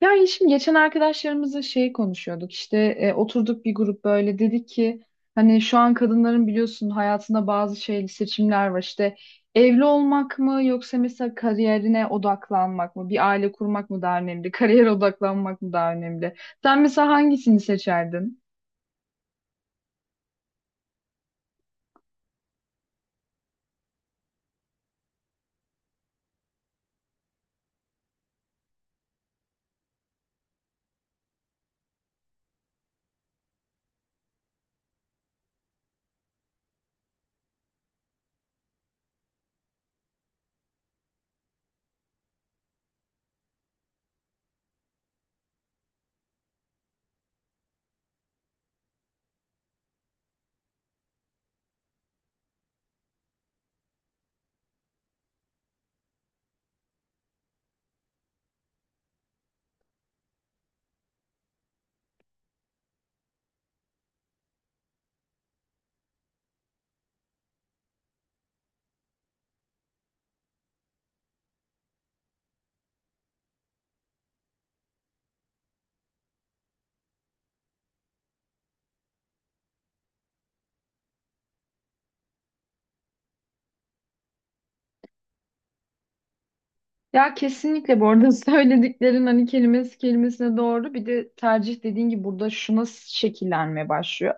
Yani şimdi geçen arkadaşlarımızla şey konuşuyorduk işte oturduk bir grup böyle dedik ki hani şu an kadınların biliyorsun hayatında bazı şey seçimler var işte evli olmak mı yoksa mesela kariyerine odaklanmak mı bir aile kurmak mı daha önemli kariyer odaklanmak mı daha önemli sen mesela hangisini seçerdin? Ya kesinlikle bu arada söylediklerin hani kelimesi kelimesine doğru. Bir de tercih dediğin gibi burada şuna şekillenmeye başlıyor.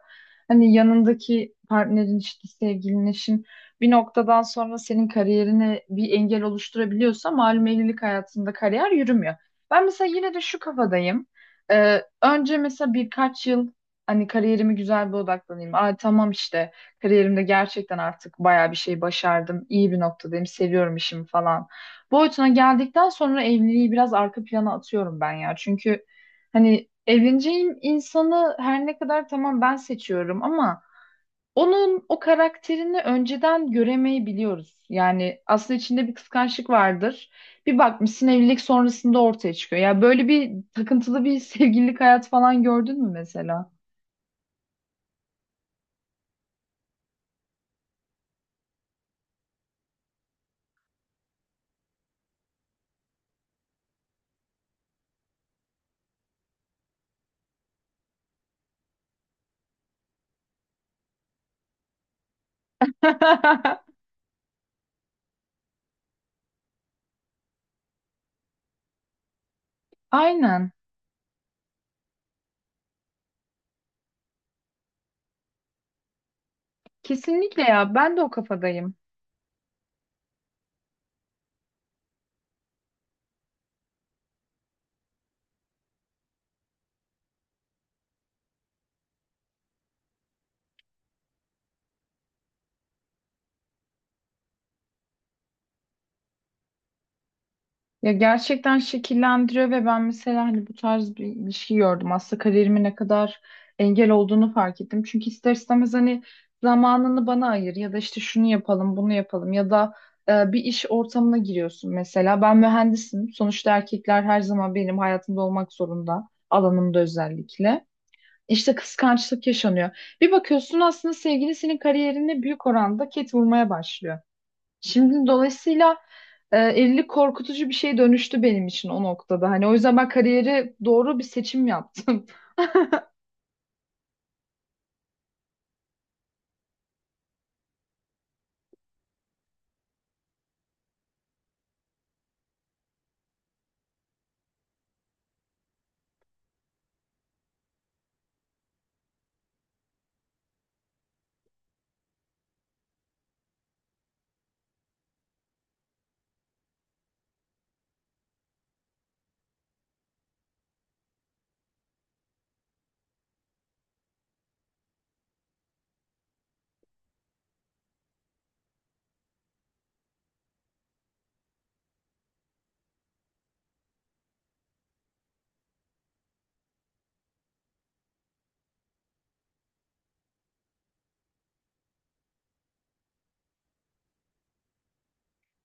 Hani yanındaki partnerin işte sevgilin eşin bir noktadan sonra senin kariyerine bir engel oluşturabiliyorsa malum evlilik hayatında kariyer yürümüyor. Ben mesela yine de şu kafadayım. Önce mesela birkaç yıl hani kariyerimi güzel bir odaklanayım. Aa tamam işte kariyerimde gerçekten artık bayağı bir şey başardım. İyi bir noktadayım. Seviyorum işimi falan boyutuna geldikten sonra evliliği biraz arka plana atıyorum ben ya. Çünkü hani evleneceğim insanı her ne kadar tamam ben seçiyorum ama onun o karakterini önceden göremeyebiliyoruz. Yani aslında içinde bir kıskançlık vardır. Bir bakmışsın evlilik sonrasında ortaya çıkıyor. Ya böyle bir takıntılı bir sevgililik hayat falan gördün mü mesela? Aynen. Kesinlikle ya. Ben de o kafadayım. Ya gerçekten şekillendiriyor ve ben mesela hani bu tarz bir ilişki gördüm. Aslında kariyerime ne kadar engel olduğunu fark ettim. Çünkü ister istemez hani zamanını bana ayır ya da işte şunu yapalım, bunu yapalım ya da bir iş ortamına giriyorsun mesela. Ben mühendisim. Sonuçta erkekler her zaman benim hayatımda olmak zorunda. Alanımda özellikle. İşte kıskançlık yaşanıyor. Bir bakıyorsun aslında sevgili senin kariyerine büyük oranda ket vurmaya başlıyor. Şimdi dolayısıyla evlilik korkutucu bir şeye dönüştü benim için o noktada. Hani o yüzden ben kariyere doğru bir seçim yaptım.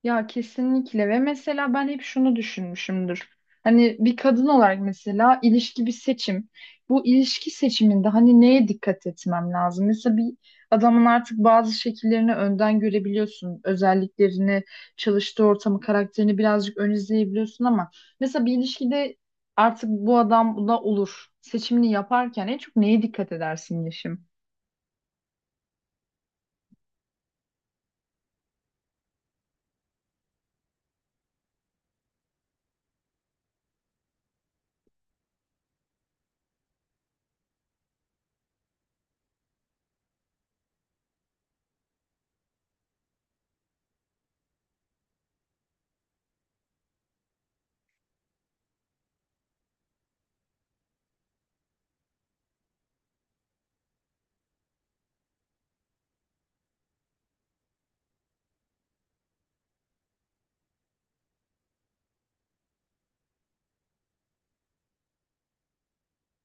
Ya kesinlikle ve mesela ben hep şunu düşünmüşümdür. Hani bir kadın olarak mesela ilişki bir seçim. Bu ilişki seçiminde hani neye dikkat etmem lazım? Mesela bir adamın artık bazı şekillerini önden görebiliyorsun. Özelliklerini, çalıştığı ortamı, karakterini birazcık ön izleyebiliyorsun ama mesela bir ilişkide artık bu adam bu da olur. Seçimini yaparken en çok neye dikkat edersin Yeşim?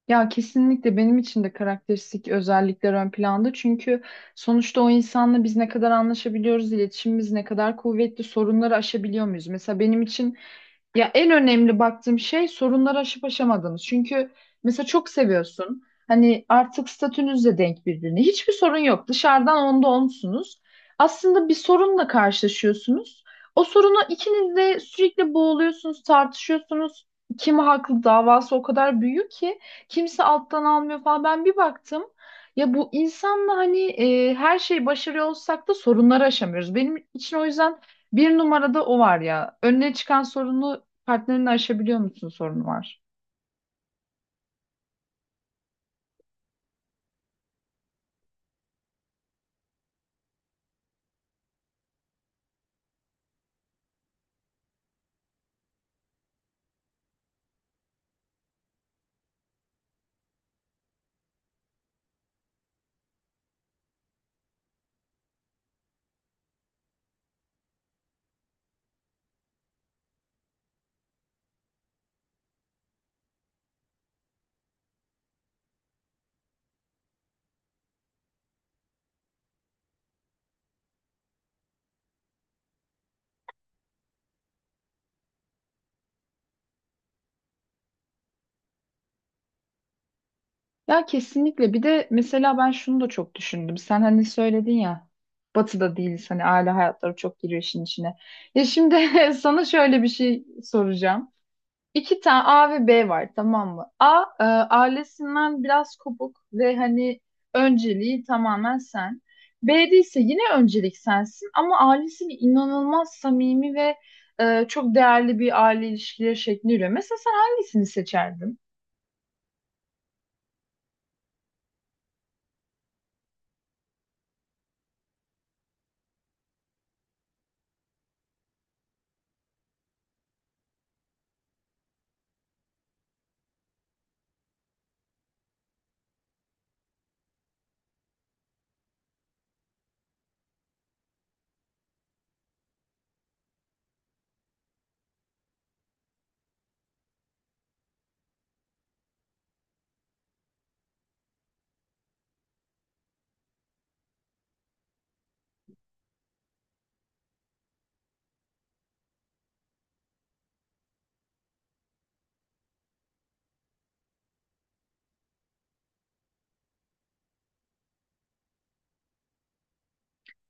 Ya kesinlikle benim için de karakteristik özellikler ön planda. Çünkü sonuçta o insanla biz ne kadar anlaşabiliyoruz, iletişimimiz ne kadar kuvvetli, sorunları aşabiliyor muyuz? Mesela benim için ya en önemli baktığım şey sorunları aşıp aşamadığınız. Çünkü mesela çok seviyorsun. Hani artık statünüzle denk birbirine. Hiçbir sorun yok. Dışarıdan onda onsunuz. Aslında bir sorunla karşılaşıyorsunuz. O sorunu ikiniz de sürekli boğuluyorsunuz, tartışıyorsunuz. Kim haklı davası o kadar büyük ki kimse alttan almıyor falan. Ben bir baktım. Ya bu insanla hani her şeyi başarıyor olsak da sorunları aşamıyoruz. Benim için o yüzden bir numarada o var ya. Önüne çıkan sorunu partnerini aşabiliyor musun sorunu var. Ya kesinlikle bir de mesela ben şunu da çok düşündüm. Sen hani söyledin ya batıda değiliz hani aile hayatları çok giriyor işin içine. Ya şimdi sana şöyle bir şey soracağım. İki tane A ve B var tamam mı? A ailesinden biraz kopuk ve hani önceliği tamamen sen. B'de ise yine öncelik sensin ama ailesiyle inanılmaz samimi ve çok değerli bir aile ilişkileri şekli yürüyor. Mesela sen hangisini seçerdin?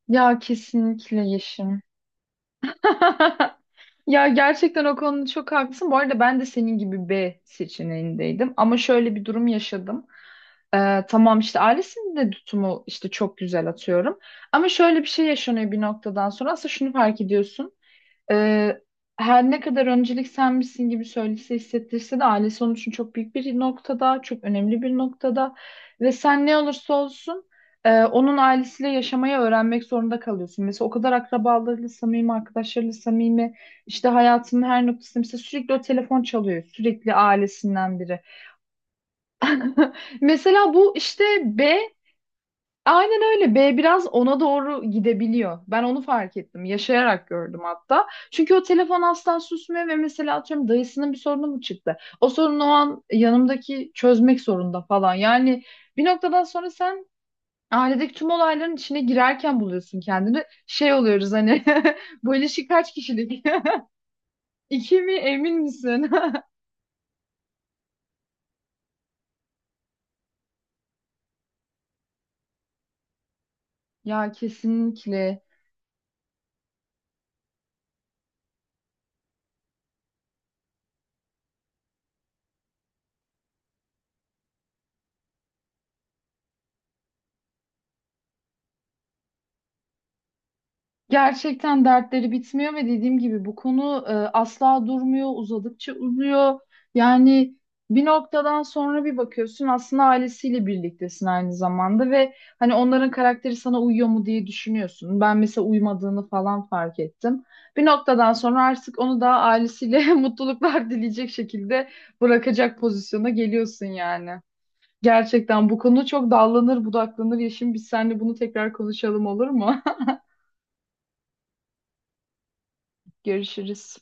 Ya kesinlikle Yeşim. Ya gerçekten o konuda çok haklısın. Bu arada ben de senin gibi B seçeneğindeydim. Ama şöyle bir durum yaşadım. Tamam işte ailesinin de tutumu işte çok güzel atıyorum. Ama şöyle bir şey yaşanıyor bir noktadan sonra. Aslında şunu fark ediyorsun. Ee, Her ne kadar öncelik sen misin gibi söylese hissettirse de ailesi onun için çok büyük bir noktada, çok önemli bir noktada ve sen ne olursa olsun onun ailesiyle yaşamayı öğrenmek zorunda kalıyorsun. Mesela o kadar akrabalarıyla samimi, arkadaşlarıyla samimi, işte hayatının her noktasında mesela sürekli o telefon çalıyor, sürekli ailesinden biri. Mesela bu işte B aynen öyle. B biraz ona doğru gidebiliyor. Ben onu fark ettim. Yaşayarak gördüm hatta. Çünkü o telefon asla susmuyor ve mesela atıyorum dayısının bir sorunu mu çıktı? O sorunu o an yanımdaki çözmek zorunda falan. Yani bir noktadan sonra sen ailedeki tüm olayların içine girerken buluyorsun kendini. Şey oluyoruz hani bu ilişki kaç kişilik? İki mi emin misin? Ya kesinlikle. Gerçekten dertleri bitmiyor ve dediğim gibi bu konu asla durmuyor, uzadıkça uzuyor. Yani bir noktadan sonra bir bakıyorsun aslında ailesiyle birliktesin aynı zamanda ve hani onların karakteri sana uyuyor mu diye düşünüyorsun. Ben mesela uymadığını falan fark ettim. Bir noktadan sonra artık onu da ailesiyle mutluluklar dileyecek şekilde bırakacak pozisyona geliyorsun yani. Gerçekten bu konu çok dallanır budaklanır. Yeşim biz seninle bunu tekrar konuşalım olur mu? Görüşürüz.